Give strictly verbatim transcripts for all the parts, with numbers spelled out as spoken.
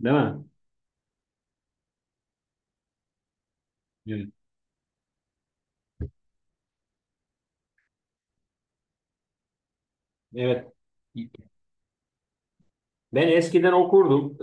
Değil mi? Evet. Evet. Ben eskiden okurdum.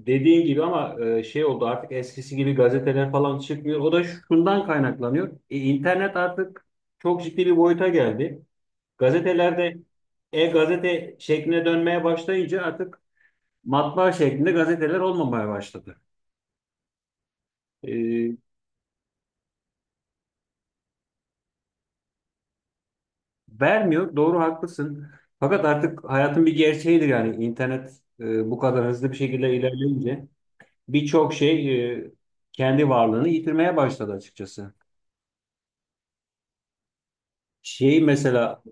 Ee, dediğin gibi, ama e, şey oldu, artık eskisi gibi gazeteler falan çıkmıyor. O da şundan kaynaklanıyor. E, internet artık çok ciddi bir boyuta geldi. Gazetelerde e-gazete şekline dönmeye başlayınca artık matbaa şeklinde gazeteler olmamaya başladı. E, Vermiyor. Doğru, haklısın. Fakat artık hayatın bir gerçeğidir, yani internet e, bu kadar hızlı bir şekilde ilerleyince birçok şey e, kendi varlığını yitirmeye başladı açıkçası. Şey, mesela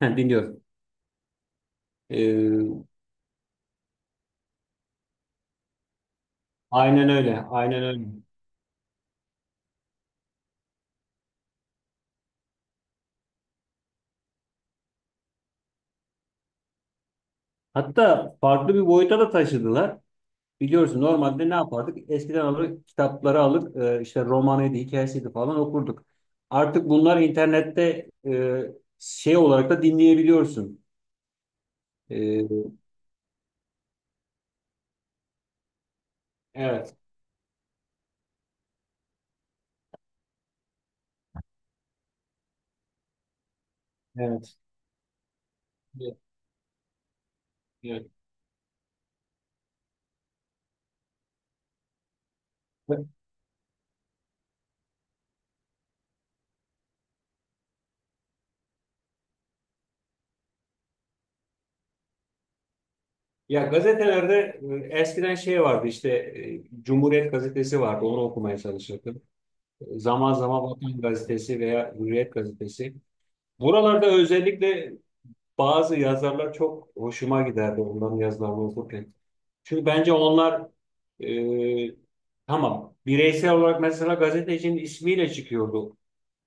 dinliyorum. E, aynen öyle, aynen öyle. Hatta farklı bir boyuta da taşıdılar. Biliyorsun, normalde ne yapardık? Eskiden alır, kitapları alır, e, işte romanıydı, hikayesiydi falan okurduk. Artık bunlar internette e, şey olarak da dinleyebiliyorsun. E, evet, evet. Evet. Evet. Ya, gazetelerde e, eskiden şey vardı, işte e, Cumhuriyet gazetesi vardı, onu okumaya çalışırdım. Zaman zaman Vatan gazetesi veya Hürriyet gazetesi. Buralarda özellikle bazı yazarlar çok hoşuma giderdi, onların yazılarını okurken. Çünkü bence onlar, e, tamam bireysel olarak mesela gazetecinin ismiyle çıkıyordu.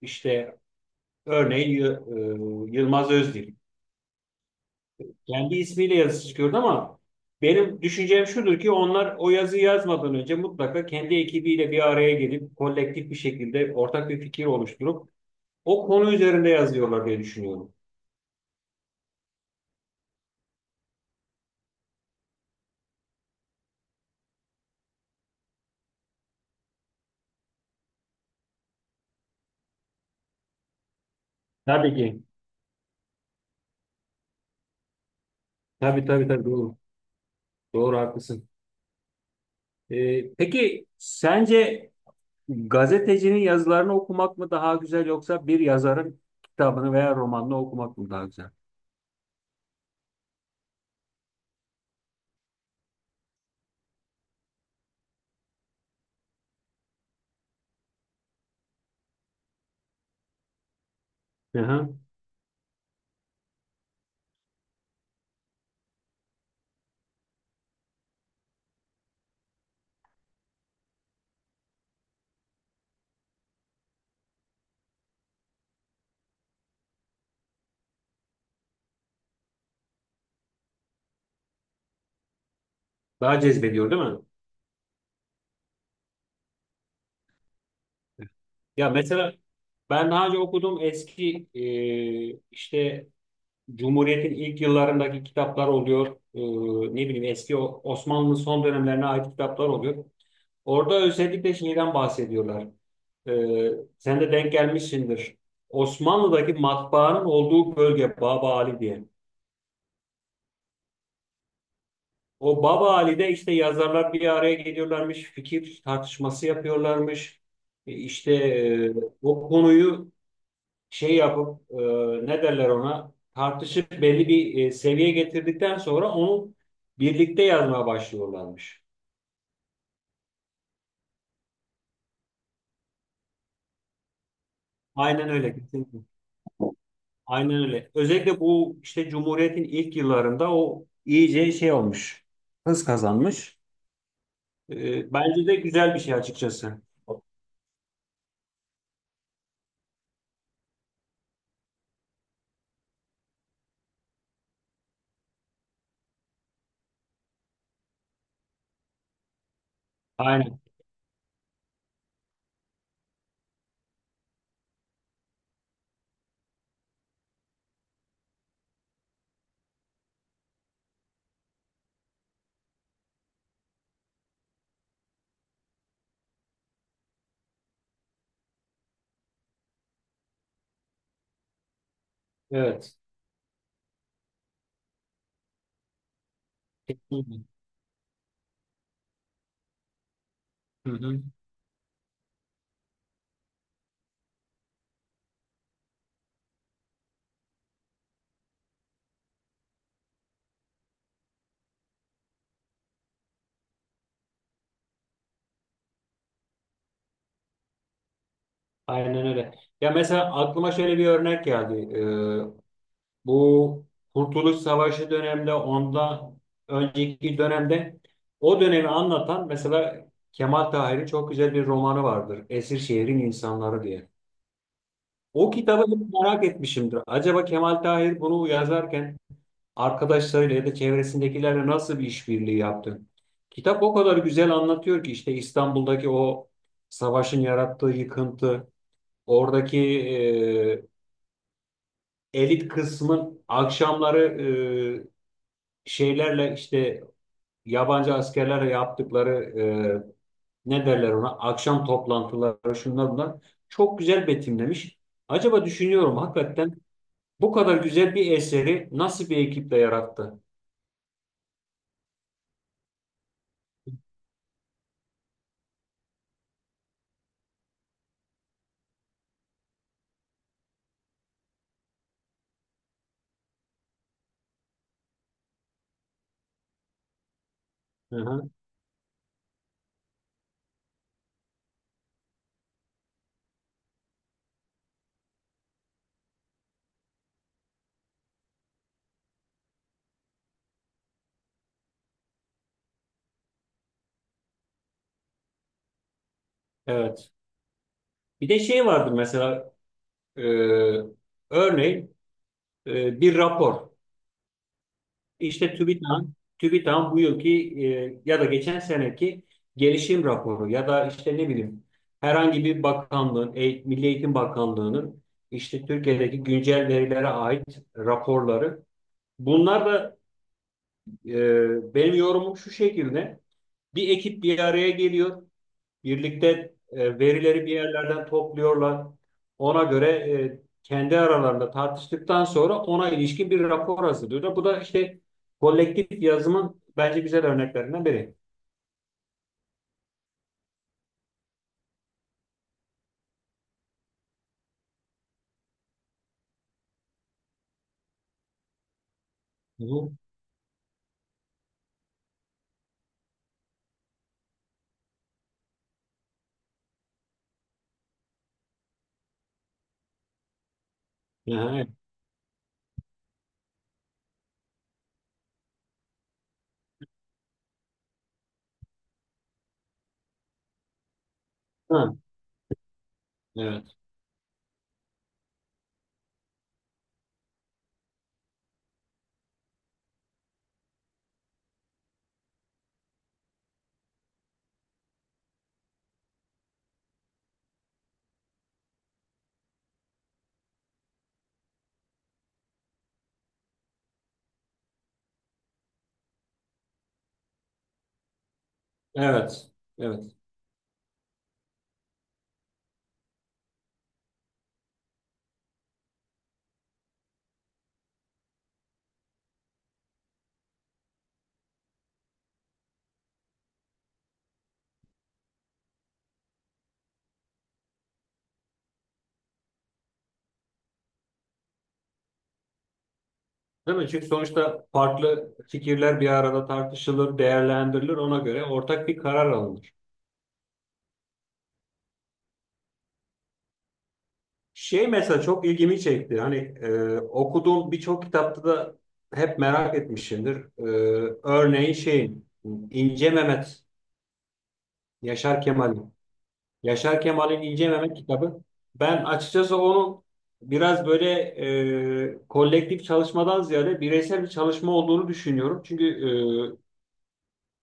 İşte örneğin Y- e, Yılmaz Özdil. Kendi ismiyle yazısı çıkıyordu, ama benim düşüncem şudur ki onlar o yazıyı yazmadan önce mutlaka kendi ekibiyle bir araya gelip kolektif bir şekilde ortak bir fikir oluşturup o konu üzerinde yazıyorlar diye düşünüyorum. Tabii ki. Tabii tabii tabii, doğru. Doğru, haklısın. Ee, peki sence gazetecinin yazılarını okumak mı daha güzel, yoksa bir yazarın kitabını veya romanını okumak mı daha güzel? Hı hı. Daha cezbediyor, değil mi? Ya mesela ben daha önce okuduğum eski, e, işte Cumhuriyet'in ilk yıllarındaki kitaplar oluyor. E, Ne bileyim, eski o- Osmanlı'nın son dönemlerine ait kitaplar oluyor. Orada özellikle şeyden bahsediyorlar. E, Sen de denk gelmişsindir. Osmanlı'daki matbaanın olduğu bölge Baba Ali diye. O Baba Ali'de işte yazarlar bir araya geliyorlarmış, fikir tartışması yapıyorlarmış. E, İşte e, o konuyu şey yapıp e, ne derler ona, tartışıp belli bir e, seviyeye getirdikten sonra onu birlikte yazmaya başlıyorlarmış. Aynen öyle, kesinlikle. Aynen öyle. Özellikle bu işte Cumhuriyet'in ilk yıllarında o iyice şey olmuş. Hız kazanmış. E, bence de güzel bir şey açıkçası. Aynen. Evet. Kesinlikle. Hı hı. Aynen öyle. Ya mesela aklıma şöyle bir örnek geldi. E, Bu Kurtuluş Savaşı döneminde, ondan önceki dönemde, o dönemi anlatan mesela Kemal Tahir'in çok güzel bir romanı vardır. Esir Şehrin İnsanları diye. O kitabı hep merak etmişimdir. Acaba Kemal Tahir bunu yazarken arkadaşlarıyla ya da çevresindekilerle nasıl bir işbirliği yaptı? Kitap o kadar güzel anlatıyor ki işte İstanbul'daki o savaşın yarattığı yıkıntı, oradaki e, elit kısmın akşamları şeylerle, işte yabancı askerlerle yaptıkları e, ne derler ona akşam toplantıları, şunlar bunlar çok güzel betimlemiş. Acaba düşünüyorum hakikaten bu kadar güzel bir eseri nasıl bir ekiple yarattı? Hı hı, evet. Bir de şey vardı mesela, e, örneğin e, bir rapor. İşte TÜBİTAK'ın TÜBİTAK'ın bu yılki, e, ya da geçen seneki gelişim raporu, ya da işte ne bileyim herhangi bir bakanlığın, e, Milli Eğitim Bakanlığı'nın işte Türkiye'deki güncel verilere ait raporları. Bunlar da, e, benim yorumum şu şekilde. Bir ekip bir araya geliyor. Birlikte e, verileri bir yerlerden topluyorlar. Ona göre e, kendi aralarında tartıştıktan sonra ona ilişkin bir rapor hazırlıyorlar. Bu da işte kolektif yazımın bence güzel örneklerinden biri. Hı hı. Aha, evet. Ha, evet. Evet. Evet. Değil mi? Çünkü sonuçta farklı fikirler bir arada tartışılır, değerlendirilir. Ona göre ortak bir karar alınır. Şey, mesela çok ilgimi çekti. Hani e, okuduğum birçok kitapta da hep merak etmişimdir. E, örneğin şeyin, İnce Mehmet, Yaşar Kemal'in. Yaşar Kemal'in İnce Mehmet kitabı. Ben açıkçası onu biraz böyle e, kolektif çalışmadan ziyade bireysel bir çalışma olduğunu düşünüyorum. Çünkü e,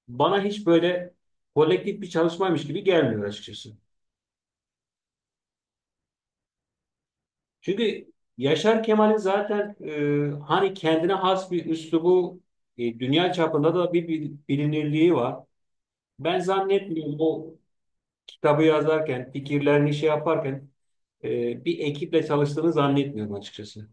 bana hiç böyle kolektif bir çalışmaymış gibi gelmiyor açıkçası. Çünkü Yaşar Kemal'in zaten e, hani kendine has bir üslubu, e, dünya çapında da bir bil- bilinirliği var. Ben zannetmiyorum o kitabı yazarken, fikirlerini şey yaparken e, bir ekiple çalıştığını zannetmiyorum açıkçası.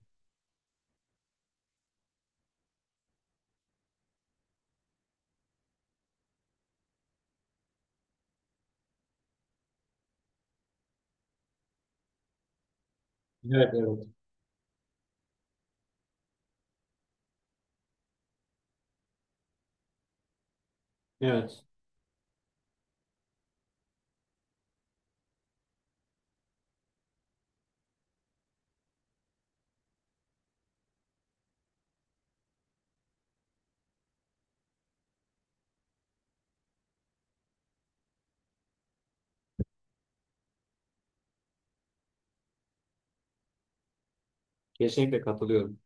Evet, evet. Evet, kesinlikle katılıyorum.